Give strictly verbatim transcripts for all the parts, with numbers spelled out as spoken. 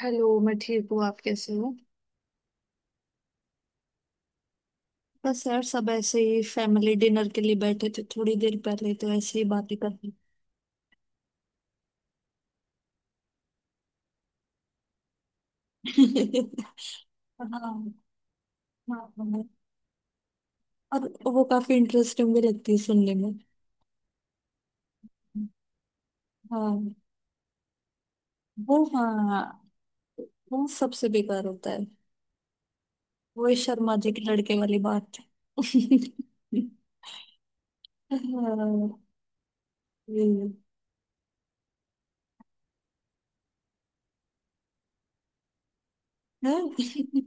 Hello, मैं ठीक हूँ। आप कैसे हो? बस यार, सब ऐसे ही। फैमिली डिनर के लिए बैठे थे थोड़ी देर पहले, तो ऐसे ही बातें कर रहे थे। हाँ। हाँ हाँ। और वो काफी इंटरेस्टिंग भी लगती है सुनने में। हाँ। वो हाँ, वो सबसे बेकार होता है। वो इस शर्मा जी के लड़के वाली बात। हाँ, ये हाँ,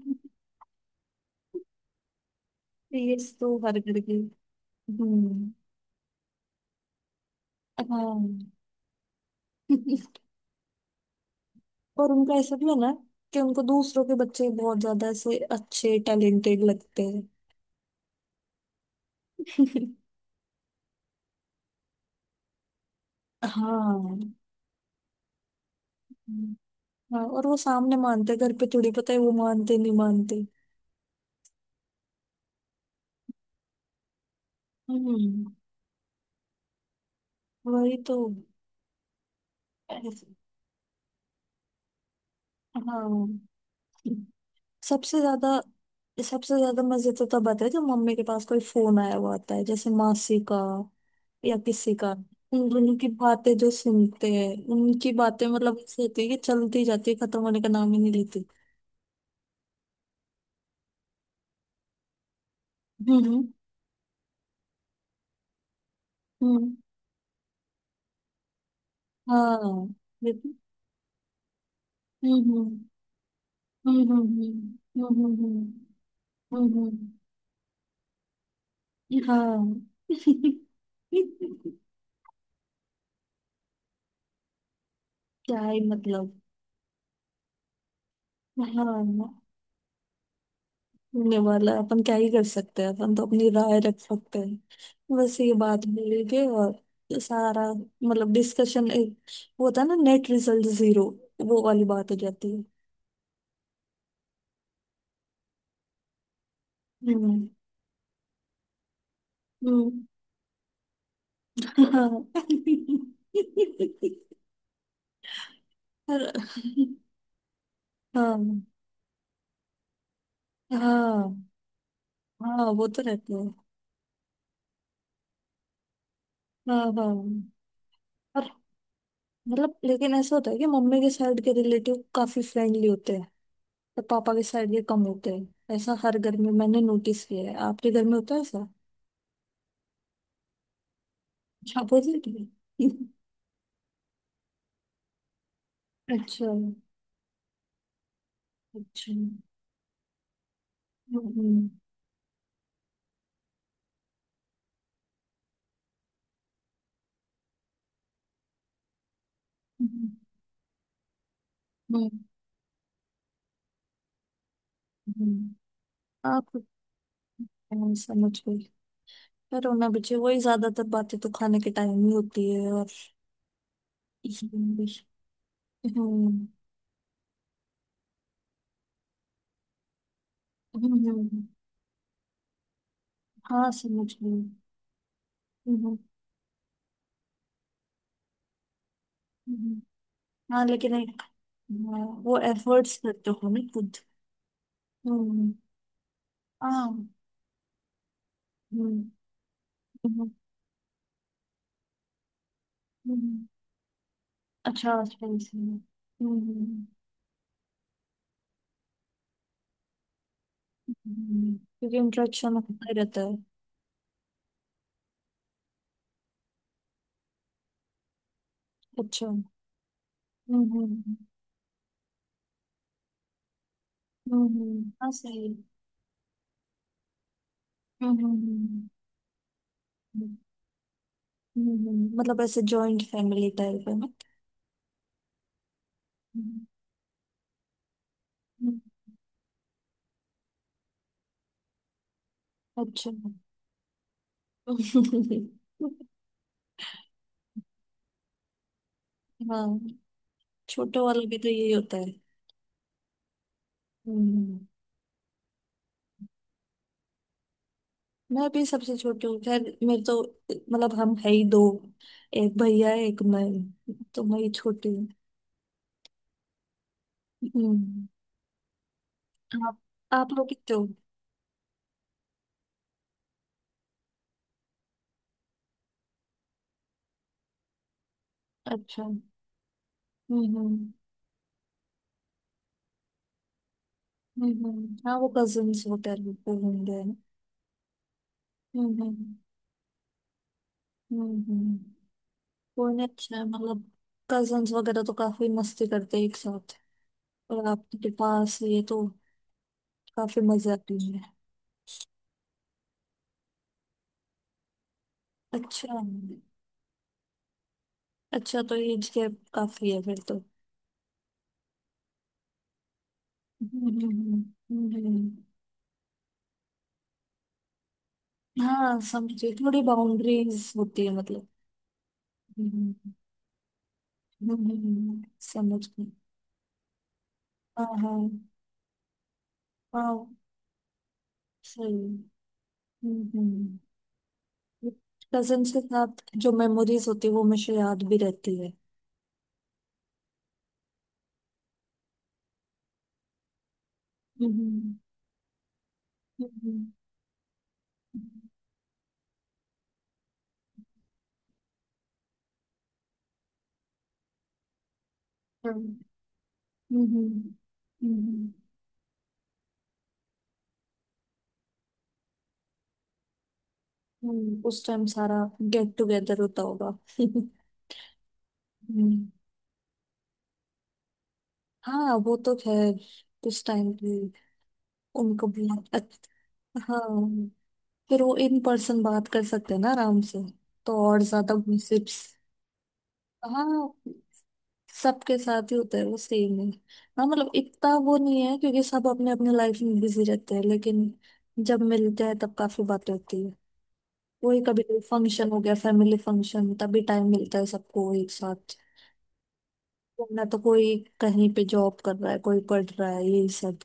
ये तो हर घर की। हम्म। हाँ। पर उनका ऐसा भी है ना कि उनको दूसरों के बच्चे बहुत ज्यादा ऐसे अच्छे टैलेंटेड लगते हैं। हाँ हाँ। और वो सामने मानते हैं, घर पे थोड़ी पता है वो मानते नहीं मानते। हम्म, वही तो। ऐसे- हाँ। सबसे ज्यादा सबसे ज्यादा मजे तो तब आते हैं जब मम्मी के पास कोई फोन आया हुआ आता है, जैसे मासी का या किसी का। उन दोनों की बातें जो सुनते हैं, उनकी बातें मतलब ऐसी होती है कि चलती जाती है, खत्म होने का नाम ही नहीं लेती। हम्म हम्म। हाँ। लेकिन हम्म हम्म हम्म हम्म हम्म हम्म हम्म हम्म, हम्म, हम्म, हाँ। क्या ही मतलब। हाँ, होने वाला है। अपन क्या ही कर सकते हैं, अपन तो अपनी राय रख सकते हैं। बस ये बात बोलेंगे और सारा मतलब डिस्कशन एक वो होता है ना, नेट रिजल्ट जीरो। वो वाली बात हो जाती है। हम्म हम्म। हाँ। और- हाँ हाँ। हाँ वो तो रहते हैं। हाँ हाँ। और मतलब लेकिन ऐसा होता है कि मम्मी के साइड के रिलेटिव काफी फ्रेंडली होते हैं और पापा के साइड के कम होते हैं। ऐसा हर घर में मैंने नोटिस किया है। आपके घर में होता है ऐसा? अच्छा, अपोजिट है। अच्छा। अच्छा। हम्म हम्म हम्म। आप हाँ, समझ गई। पर होना बच्चे, वही ज्यादातर बातें तो खाने के टाइम ही होती है। और हम्म हम्म हम्म, हाँ समझ गई। हम्म हम्म। हाँ, लेकिन हाँ, वो एफर्ट्स करते हो ना खुद। हम्म। हाँ। हम्म हम्म, हम्म। अच्छा अच्छा, इसलिए। हम्म हम्म, हम्म। क्योंकि इंट्रैक्शन होता ही रहता है। अच्छा। हम्म हम्म हम्म, हाँ सही है। हम्म हम्म हम्म, हम्म, हम्म। हम्म। मतलब ऐसे जॉइंट फैमिली टाइप है ना। हम्म, हम्म, अच्छा। हाँ, छोटे वाले भी तो यही होता है। हम्म। मैं भी सबसे छोटी हूँ, खैर मेरे तो मतलब हम है ही दो। एक भैया है, एक मैं हूँ, तो मैं ही छोटी हूँ। हम्म। आप आप लोग कितने हो? अच्छा। हम्म हम्म हम्म। हाँ, वो कजिन्स होते हैं, बिल्कुल होंगे। हम्म हम्म हम्म। कोई नहीं, अच्छा है, मतलब कजिन्स वगैरह तो काफी मस्ती करते हैं एक साथ। और आपके पास ये तो काफी मजे आती है। अच्छा। अच्छा तो एज गैप काफी है फिर तो। हम्म हम्म हम्म हम्म, हम्म। हाँ समझे, थोड़ी बाउंड्रीज होती है मतलब। हम्म, हम्म हम्म, हम्म, समझ गई। हाँ हाँ। हाँ। सही। हम्म हम्म। Cousins के साथ जो मेमोरीज होती है वो मुझे याद भी रहती है। हम्म, हम्म हम्म हम्म, हम्म, हम्म, उस टाइम सारा गेट टुगेदर होता होगा। हम्म। हाँ, वो तो खैर उस टाइम पे उनको भी। अच्छा। हाँ। फिर वो इन पर्सन बात कर सकते हैं ना आराम से, तो और ज्यादा गॉसिप्स। हाँ, सबके साथ ही होता है, वो सेम है। हाँ, मतलब इतना वो नहीं है क्योंकि सब अपने अपने लाइफ में बिजी रहते हैं, लेकिन जब मिलते हैं तब काफी बातें होती है। वही, कभी कोई फंक्शन हो गया, फैमिली फंक्शन, तभी टाइम मिलता है सबको एक साथ। वरना तो कोई कहीं पे जॉब कर रहा है, कोई पढ़ रहा है ये सब।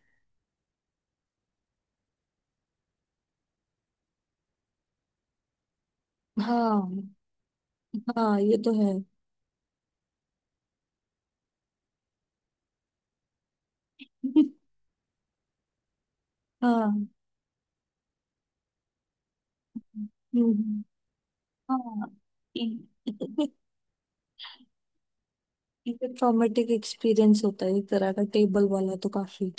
हाँ। हाँ ये तो है। हाँ। हम्म, हाँ। ये ट्रॉमेटिक एक्सपीरियंस होता है एक तरह का, टेबल वाला तो काफी।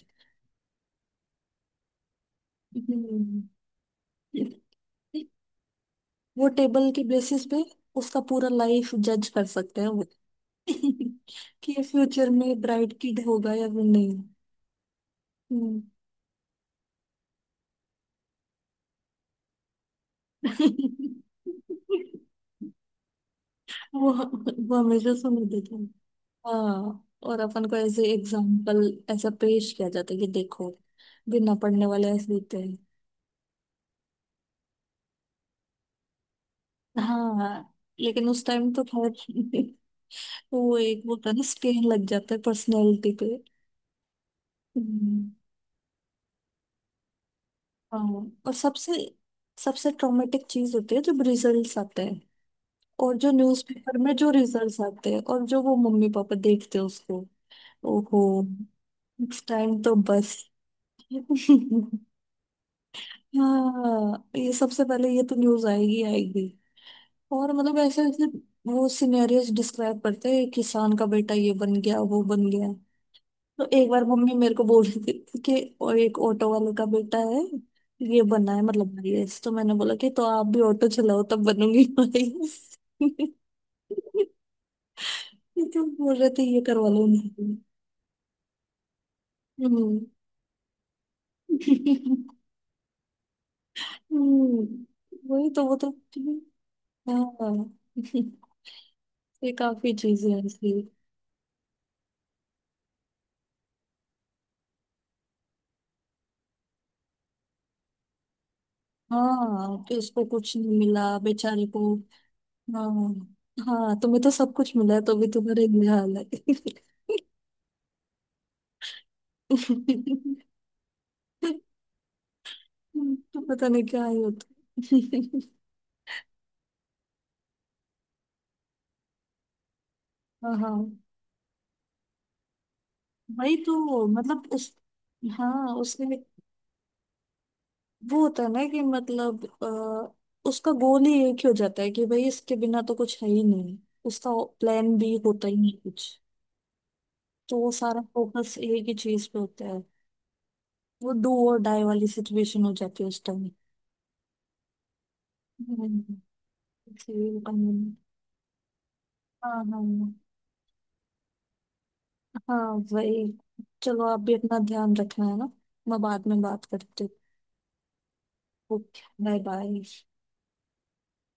हम्म। वो टेबल के बेसिस पे उसका पूरा लाइफ जज कर सकते हैं वो। कि ये फ्यूचर में ब्राइट किड होगा या फिर नहीं। हम्म। वो वो हमेशा सुन देते हैं। हाँ, और अपन को ऐसे एग्जाम्पल ऐसा पेश किया जाता है कि देखो, बिना पढ़ने वाले ऐसे होते हैं। हाँ। लेकिन उस टाइम तो खैर। तो वो एक वो होता है ना, स्टेन लग जाता है पर्सनैलिटी पे। हम्म, हाँ। और सबसे सबसे ट्रॉमेटिक चीज होती है जब रिजल्ट्स आते हैं। और जो न्यूज़पेपर में जो रिजल्ट्स आते हैं और जो वो मम्मी पापा देखते हैं उसको, ओहो। नेक्स्ट टाइम तो बस। हाँ, ये सबसे पहले ये तो न्यूज आएगी आएगी। और मतलब ऐसे ऐसे वो सिनेरियोस डिस्क्राइब करते हैं, किसान का बेटा ये बन गया, वो बन गया। तो एक बार मम्मी मेरे को बोल रही थी कि वो एक ऑटो वाले का बेटा है, ये बना है मतलब आईएएस। तो मैंने बोला कि तो आप भी ऑटो चलाओ, तब बनूंगी आईएएस। तो बोल रहे थे ये करवा लो उनसे। हम्म। हम्म, वही तो, वो तो। हाँ। ये काफी चीजें ऐसी। हाँ कि उसको कुछ नहीं मिला बेचारे को। हाँ। हाँ, तुम्हें तो सब कुछ मिला है तो भी तुम्हारे लिए हाल है। हम्म, तो पता नहीं क्या ही होता। हाँ हाँ। वही तो, मतलब उस हाँ, उसने वो होता है ना कि मतलब अ, उसका गोल ही एक ही हो जाता है कि भाई इसके बिना तो कुछ है ही नहीं। उसका प्लान भी होता ही नहीं कुछ, तो वो सारा फोकस एक ही चीज पे होता है। वो डू और डाई वाली सिचुएशन हो जाती है उस टाइम। हम्म, इसलिए, हम्म, हाँ हाँ। हाँ वही, चलो आप भी अपना ध्यान रखना है ना। मैं बाद में बात करती हूँ। Okay, bye bye.